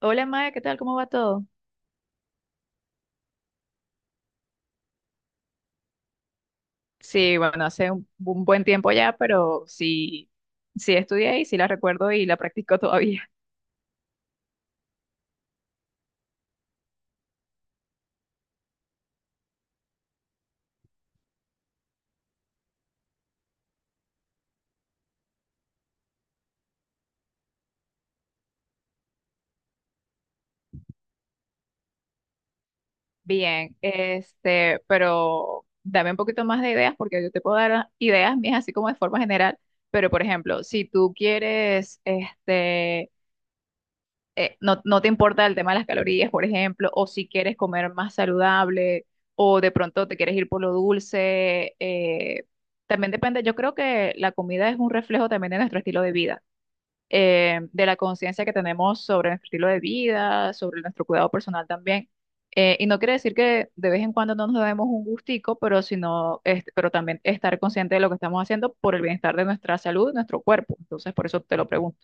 Hola Maya, ¿qué tal? ¿Cómo va todo? Sí, bueno, hace un buen tiempo ya, pero sí, sí estudié y sí la recuerdo y la practico todavía. Bien, este, pero dame un poquito más de ideas porque yo te puedo dar ideas mías así como de forma general, pero por ejemplo, si tú quieres, no te importa el tema de las calorías, por ejemplo, o si quieres comer más saludable, o de pronto te quieres ir por lo dulce. También depende, yo creo que la comida es un reflejo también de nuestro estilo de vida, de la conciencia que tenemos sobre nuestro estilo de vida, sobre nuestro cuidado personal también. Y no quiere decir que de vez en cuando no nos demos un gustico, pero sino, pero también estar consciente de lo que estamos haciendo por el bienestar de nuestra salud, nuestro cuerpo. Entonces, por eso te lo pregunto.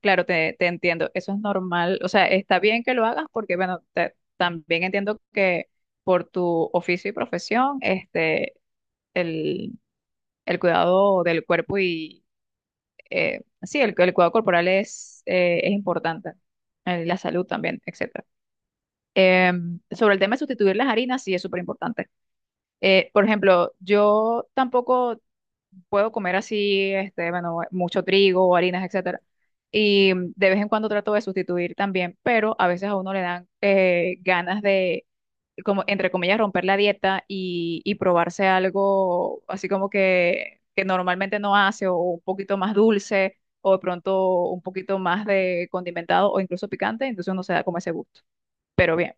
Claro, te entiendo, eso es normal, o sea, está bien que lo hagas porque, bueno, también entiendo que por tu oficio y profesión, el, el cuidado del cuerpo y, sí, el cuidado corporal es importante, la salud también, etcétera. Sobre el tema de sustituir las harinas, sí es súper importante. Por ejemplo, yo tampoco puedo comer así, este, bueno, mucho trigo, harinas, etcétera. Y de vez en cuando trato de sustituir también, pero a veces a uno le dan ganas de, como, entre comillas, romper la dieta y probarse algo así como que normalmente no hace, o un poquito más dulce, o de pronto un poquito más de condimentado o incluso picante, entonces uno se da como ese gusto. Pero bien,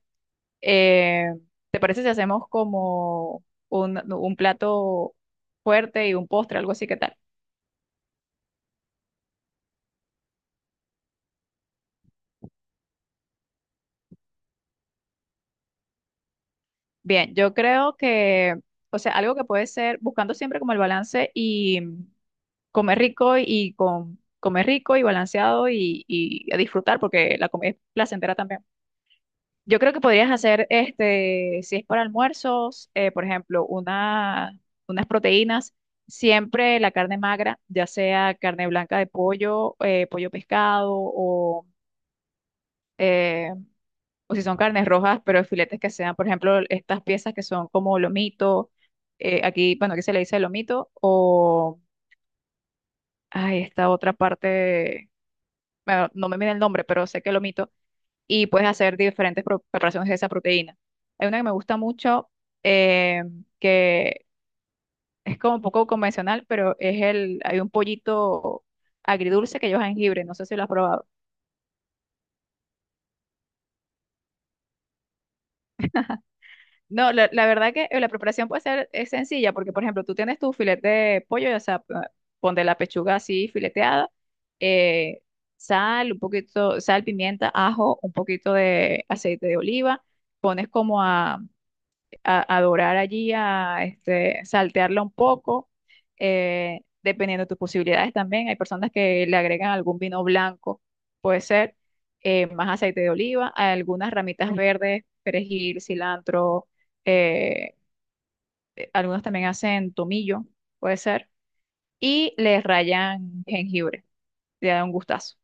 eh, ¿te parece si hacemos como un plato fuerte y un postre, algo así? ¿Qué tal? Bien, yo creo que, o sea, algo que puede ser buscando siempre como el balance y mm, comer rico y balanceado y a disfrutar porque la comida es placentera también. Yo creo que podrías hacer, este, si es para almuerzos, por ejemplo, unas proteínas, siempre la carne magra, ya sea carne blanca de pollo, pollo pescado o eh, o si son carnes rojas, pero filetes que sean, por ejemplo, estas piezas que son como lomito, aquí, bueno, aquí se le dice lomito, o ay, esta otra parte, bueno, no me viene el nombre, pero sé que lomito, y puedes hacer diferentes preparaciones de esa proteína. Hay una que me gusta mucho, eh, que es como un poco convencional, pero hay un pollito agridulce que lleva jengibre, no sé si lo has probado. No, la verdad que la preparación puede ser es sencilla, porque por ejemplo, tú tienes tu filete de pollo, o sea, pon de la pechuga así fileteada, eh, sal, un poquito, sal, pimienta, ajo, un poquito de aceite de oliva, pones como a a dorar allí, a este, saltearla un poco, dependiendo de tus posibilidades también. Hay personas que le agregan algún vino blanco, puede ser, más aceite de oliva, algunas ramitas verdes, perejil, cilantro, eh, algunos también hacen tomillo, puede ser, y le rayan jengibre, le da un gustazo.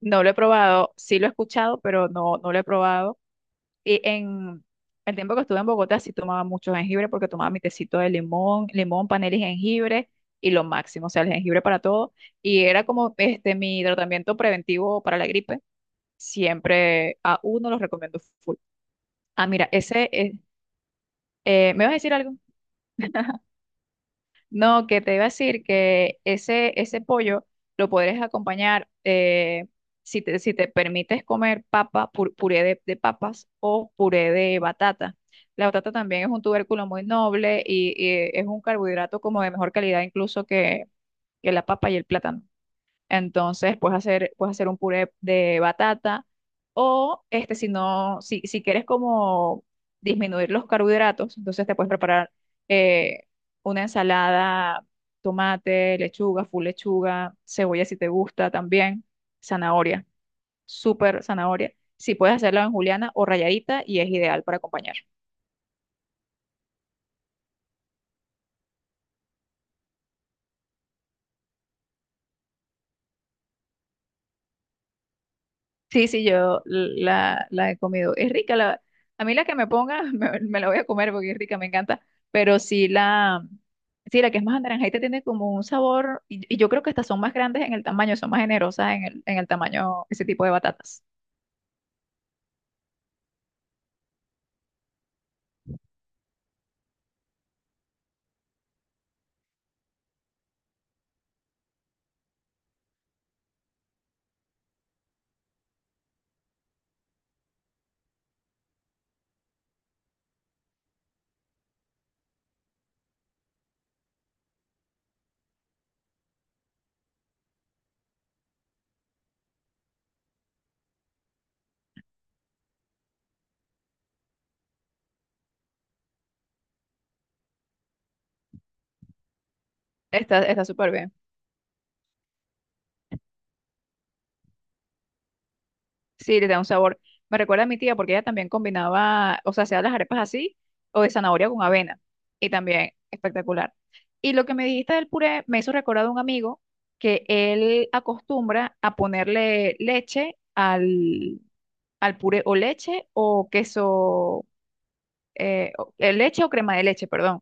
No lo he probado, sí lo he escuchado, pero no lo he probado. Y en el tiempo que estuve en Bogotá sí tomaba mucho jengibre porque tomaba mi tecito de limón, limón, panela y jengibre y lo máximo, o sea, el jengibre para todo. Y era como este mi tratamiento preventivo para la gripe. Siempre a uno los recomiendo full. Ah, mira, ¿me vas a decir algo? No, que te iba a decir que ese pollo lo podrías acompañar si te, si te permites comer papa, puré de papas o puré de batata. La batata también es un tubérculo muy noble y es un carbohidrato como de mejor calidad incluso que la papa y el plátano. Entonces puedes hacer un puré de batata o este, si no, si, si quieres como disminuir los carbohidratos, entonces te puedes preparar eh, una ensalada, tomate, lechuga, full lechuga, cebolla si te gusta también, zanahoria, súper zanahoria. Si puedes hacerla en juliana o rayadita y es ideal para acompañar. Sí, sí, yo la he comido. Es rica, la, a mí la que me ponga me la voy a comer porque es rica, me encanta, pero sí, la que es más anaranjadita tiene como un sabor, y yo creo que estas son más grandes en el tamaño, son más generosas en en el tamaño, ese tipo de batatas. Está, está súper bien. Sí, le da un sabor. Me recuerda a mi tía porque ella también combinaba, o sea, hacía las arepas así o de zanahoria con avena. Y también espectacular. Y lo que me dijiste del puré me hizo recordar a un amigo que él acostumbra a ponerle leche al puré o leche o queso, leche o crema de leche, perdón,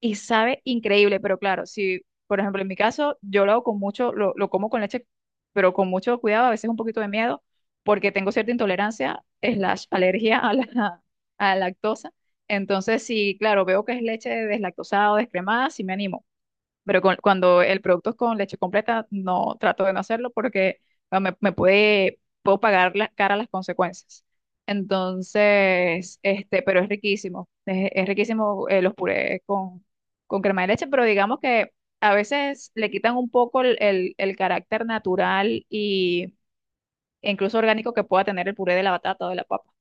y sabe increíble, pero claro, si, por ejemplo, en mi caso, yo lo hago con mucho, lo como con leche, pero con mucho cuidado, a veces un poquito de miedo, porque tengo cierta intolerancia, slash, alergia a a la lactosa. Entonces, si, claro, veo que es leche deslactosada o descremada, sí me animo. Pero cuando el producto es con leche completa, no trato de no hacerlo porque ah, me puede, puedo pagar la, cara las consecuencias. Entonces, este, pero es riquísimo. Es riquísimo los purés con crema de leche, pero digamos que a veces le quitan un poco el carácter natural e incluso orgánico que pueda tener el puré de la batata o de la papa.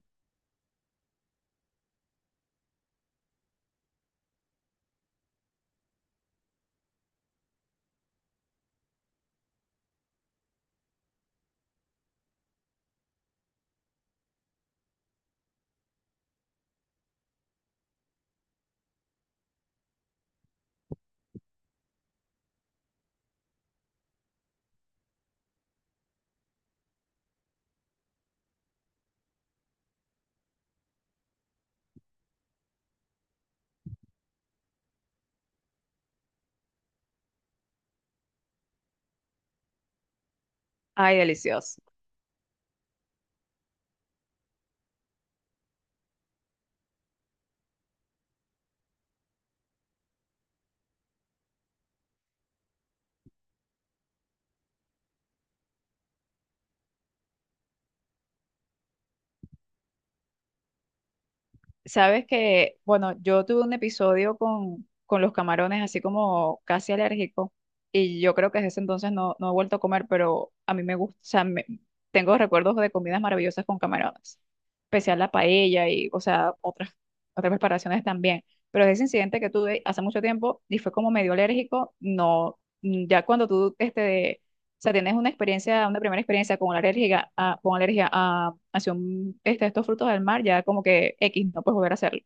Ay, delicioso. Sabes que, bueno, yo tuve un episodio con los camarones, así como casi alérgico, y yo creo que desde ese entonces no he vuelto a comer, pero a mí me gusta, o sea, tengo recuerdos de comidas maravillosas con camarones, especial la paella o sea, otras preparaciones también. Pero ese incidente que tuve hace mucho tiempo y fue como medio alérgico, no, mm, ya cuando tú, este, o sea, tienes una experiencia, una primera experiencia con con alergia a, hacia este, estos frutos del mar, ya como que X, no puedes volver a hacerlo.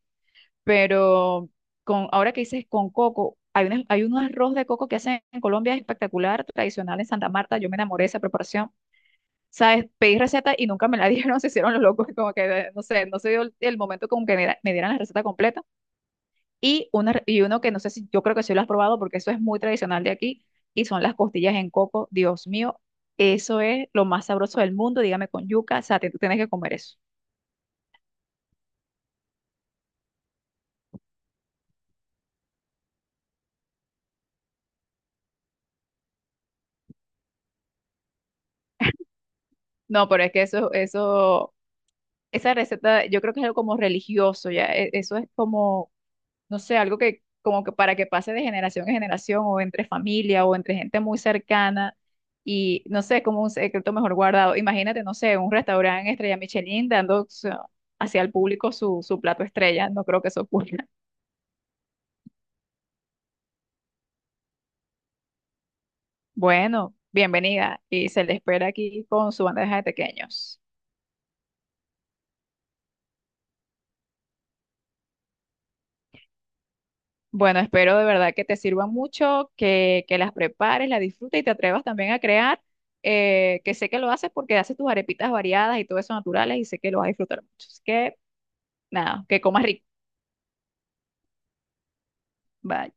Pero con, ahora que dices con coco, hay un arroz de coco que hacen en Colombia espectacular, tradicional en Santa Marta. Yo me enamoré de esa preparación. ¿Sabes? Pedí receta y nunca me la dieron, se hicieron los locos, como que, no sé, no se dio el momento como que me dieran la receta completa. Y, uno que no sé si yo creo que sí lo has probado porque eso es muy tradicional de aquí y son las costillas en coco. Dios mío, eso es lo más sabroso del mundo. Dígame con yuca, o sea, tú tienes que comer eso. No, pero es que esa receta, yo creo que es algo como religioso, ya. Eso es como no sé, algo que como que para que pase de generación en generación o entre familia o entre gente muy cercana y no sé, como un secreto mejor guardado. Imagínate, no sé, un restaurante estrella Michelin dando o sea, hacia el público su plato estrella, no creo que eso ocurra. Bueno, bienvenida y se le espera aquí con su bandeja de pequeños. Bueno, espero de verdad que te sirva mucho, que las prepares, las disfrutes y te atrevas también a crear, que sé que lo haces porque haces tus arepitas variadas y todo eso naturales y sé que lo vas a disfrutar mucho. Así que nada, que comas rico. Bye.